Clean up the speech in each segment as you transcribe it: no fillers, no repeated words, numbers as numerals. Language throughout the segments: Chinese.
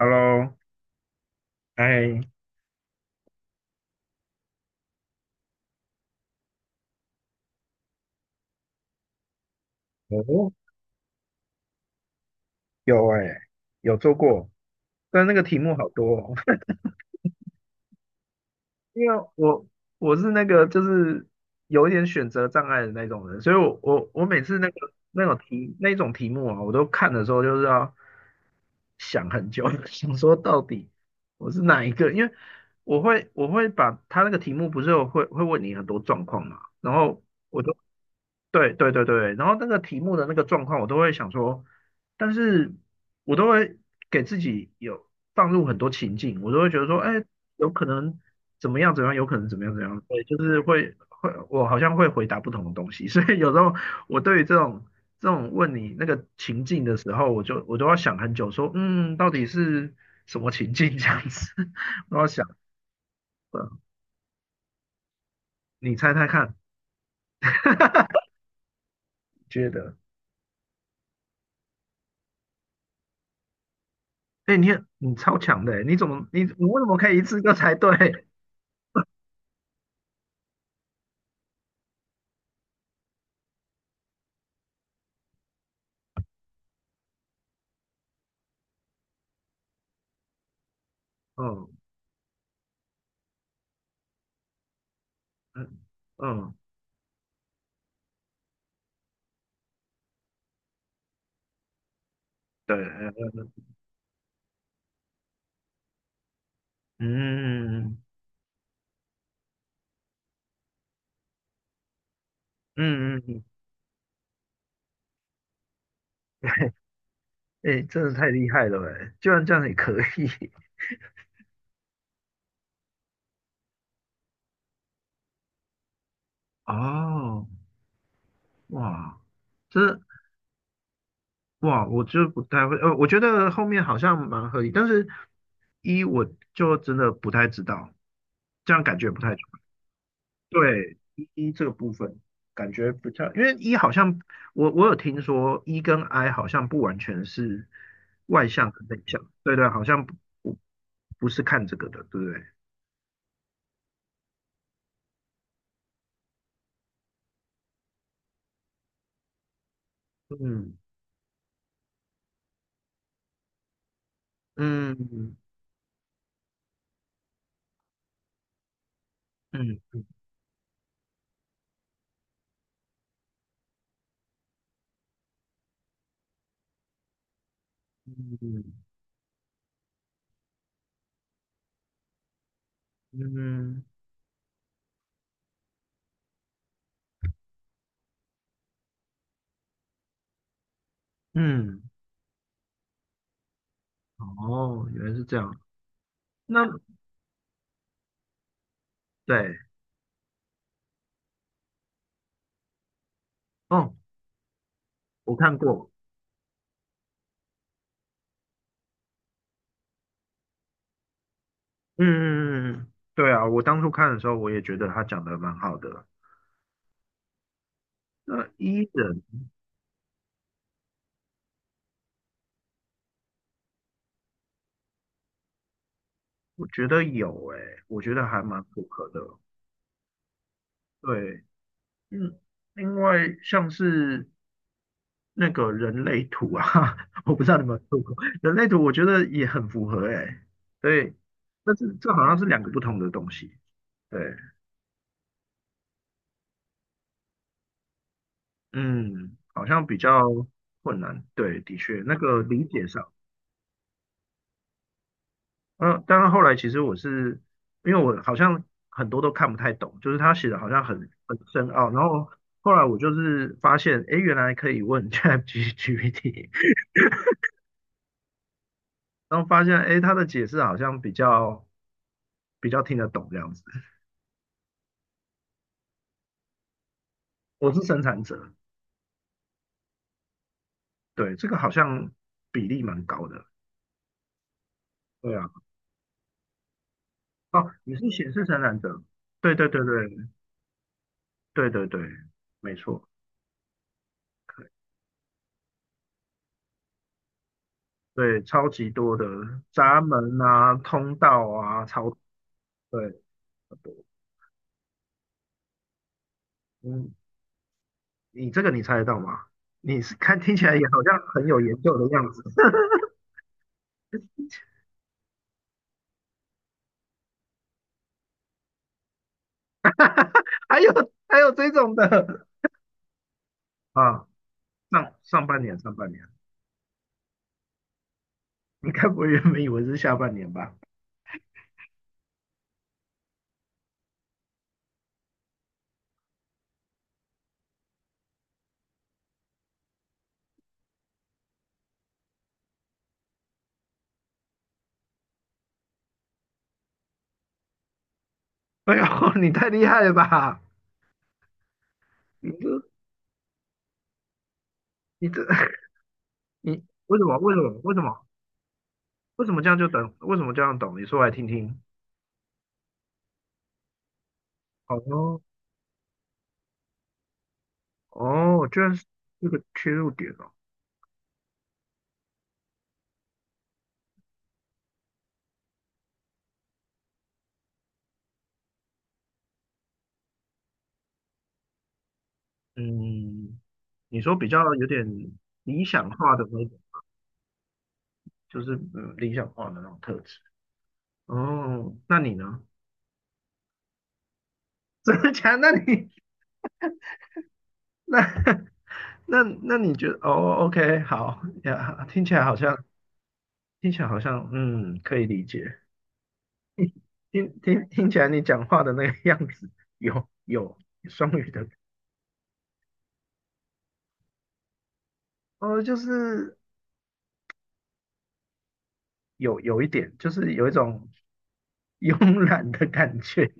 Hello，哎，哦，有哎、有做过，但那个题目好多哦。因为我是那个就是有一点选择障碍的那种人，所以我每次那个那种题目啊，我都看的时候就是要想很久，想说到底我是哪一个，因为我会把他那个题目不是有会问你很多状况嘛，然后。我都。对对对对，然后那个题目的那个状况，我都会想说，但是我都会给自己有放入很多情境，我都会觉得说，哎，有可能怎么样怎么样，有可能怎么样怎么样，对，就是会，我好像会回答不同的东西，所以有时候我对于这种问你那个情境的时候，我都要想很久，说，嗯，到底是什么情境这样子，我要想，呃你猜猜看，觉得。哎、你超强的，你为什么可以一次就猜对？嗯嗯嗯，对，嗯嗯嗯嗯，哎、真的太厉害了哎，居然这样也可以 哦，哇，这哇，我就不太会，我觉得后面好像蛮合理，但是我就真的不太知道，这样感觉不太。对一这个部分感觉比较，因为一好像我有听说一跟 I 好像不完全是外向跟内向，对对，好像不不是看这个的，对不对？嗯嗯嗯嗯嗯嗯嗯，哦，原来是这样。那对哦，我看过，嗯嗯嗯，嗯对啊，我当初看的时候我也觉得他讲的蛮好的。那一人我觉得有诶、我觉得还蛮符合的。对，嗯，另外像是那个人类图啊，我不知道你们有没有做过人类图，我觉得也很符合诶、以但是这好像是两个不同的东西，对，嗯，好像比较困难，对，的确那个理解上，嗯、当然后来其实我是因为我好像很多都看不太懂，就是他写的好像很深奥，然后后来我就是发现，诶，原来可以问 ChatGPT，然后发现，哎，他的解释好像比较听得懂这样子。我是生产者，对，这个好像比例蛮高的。对啊，哦，你是显示生产者，对对对对对对对，没错，可以对，超级多的闸门啊、通道啊，超对，很多。嗯，你这个你猜得到吗？你是看听起来也好像很有研究的样子，还有还有这种的 啊，上半年，你该不会原本以为是下半年吧？哎呦，你太厉害了吧！你这、你这、你为什么、为什么、为什么、为什么这样就懂？为什么这样懂？你说来听听。哦哦，居然是这个切入点哦。嗯，你说比较有点理想化的那种，就是理想化的那种特质。哦，那你呢？真么假的那你那 那你觉得？哦，OK，好呀，听起来好像可以理解。听起来你讲话的那个样子，有双语的，哦，就是有一点，就是有一种 慵懒的感觉。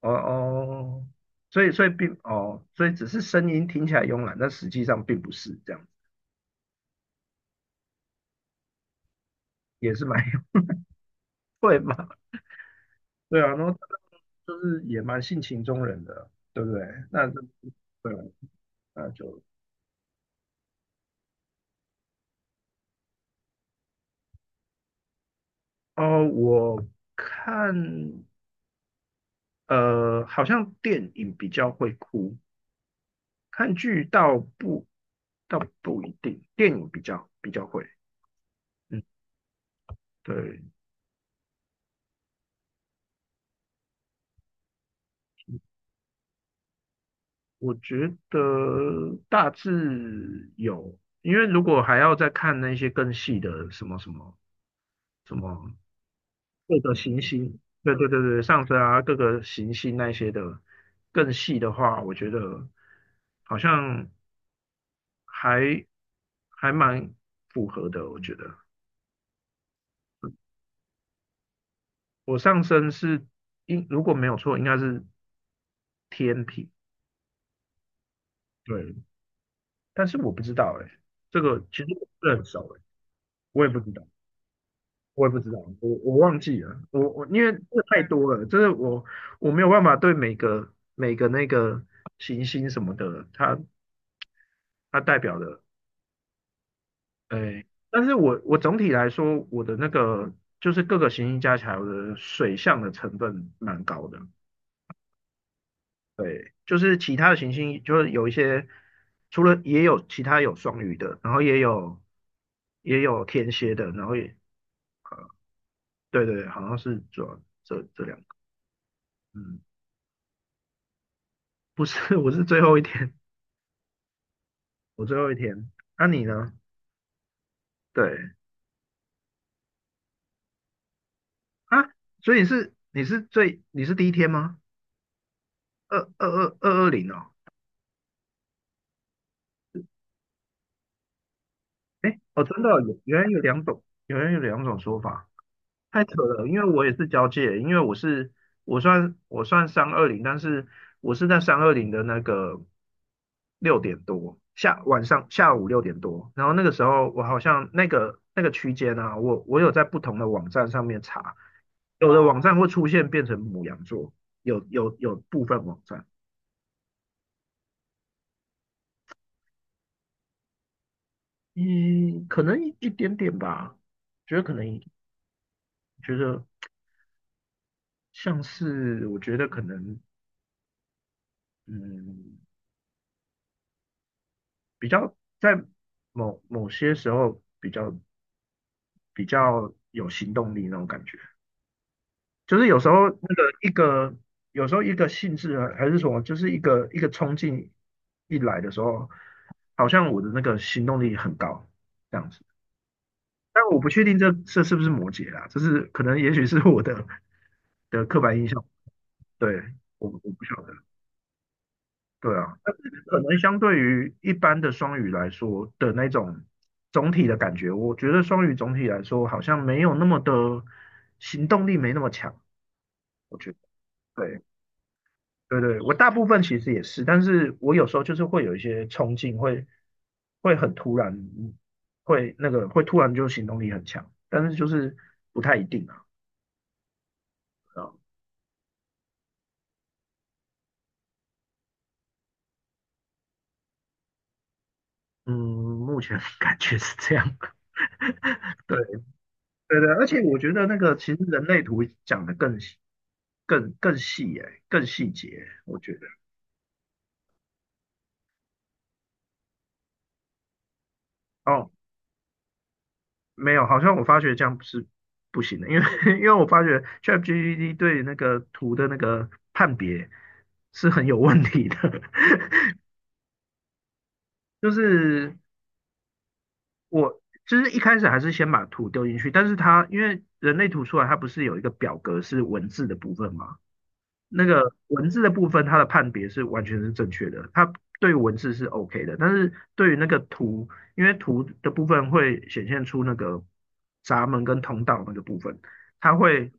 哦哦，所以哦，所以只是声音听起来慵懒，但实际上并不是这样，也是蛮有 会嘛。对啊，然后就是也蛮性情中人的，对不对？那就对啊，那就哦，看好像电影比较会哭。看剧倒不一定，电影比较会。嗯，对，我觉得大致有，因为如果还要再看那些更细的什么各个行星，对对对对，上升啊，各个行星那些的更细的话，我觉得好像还还蛮符合的。我觉得我上升是如果没有错，应该是天平。对，但是我不知道哎、这个其实我不是很熟哎、我也不知道，我也不知道，我忘记了，我因为这太多了，就是我没有办法对每个那个行星什么的，它代表的，哎、但是我总体来说，我的那个就是各个行星加起来，我的水象的成分蛮高的，对，就是其他的行星就是有一些，除了也有其他有双鱼的，然后也有天蝎的，然后也对对对好像是主要这两个，嗯，不是，我是最后一天，我最后一天，那、你呢？对啊，所以你是第一天吗？二二零哦，哎哦，真的哦有原来有两种，原来有两种说法。太扯了，因为我也是交界，因为我算三二零，但是我是在三二零的那个六点多下晚上下午六点多，然后那个时候我好像那个区间啊，我有在不同的网站上面查，有的网站会出现变成母羊座，有部分网站，嗯，可能一点点吧，觉得可能一觉得像是我觉得可能嗯。比较在某些时候比较有行动力那种感觉，就是有时候一个性质啊还是什么，就是一个冲劲一来的时候，好像我的那个行动力很高这样子，但我不确定这是不是摩羯啦，这是可能也许是我的 的刻板印象，对，我不晓得。对啊，但是可能相对于一般的双语来说的那种总体的感觉，我觉得双语总体来说好像没有那么的行动力，没那么强。我觉得，对对对，我大部分其实也是，但是我有时候就是会有一些冲劲，会很突然，嗯会那个会突然就行动力很强，但是就是不太一定啊。啊嗯，目前 感觉是这样。对。对对，而且我觉得那个其实人类图讲的更细耶、更细节，我觉得哦，没有，好像我发觉这样是不行的，因为 因为我发觉 ChatGPT 对那个图的那个判别是很有问题的，就是我就是一开始还是先把图丢进去，但是它因为人类图出来，它不是有一个表格是文字的部分吗？那个文字的部分，它的判别是完全是正确的，它对文字是 OK 的，但是对于那个图，因为图的部分会显现出那个闸门跟通道那个部分，它会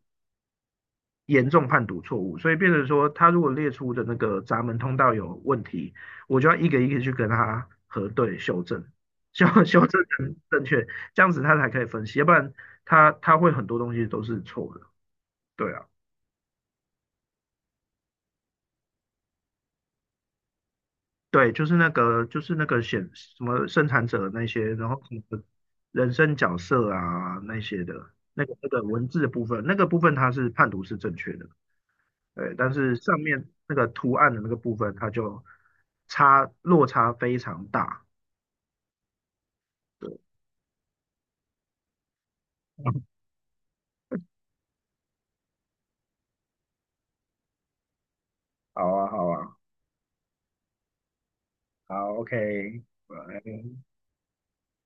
严重判读错误，所以变成说，它如果列出的那个闸门通道有问题，我就要一个一个去跟它核对修正，修 修正成正确，这样子它才可以分析，要不然它会很多东西都是错的，对啊。对，就是那个，显什么生产者那些，然后什么人生角色啊那些的，那个文字的部分，那个部分它是判读是正确的，对，但是上面那个图案的那个部分，它就落差非常大。对，好啊，好啊，好，OK，拜。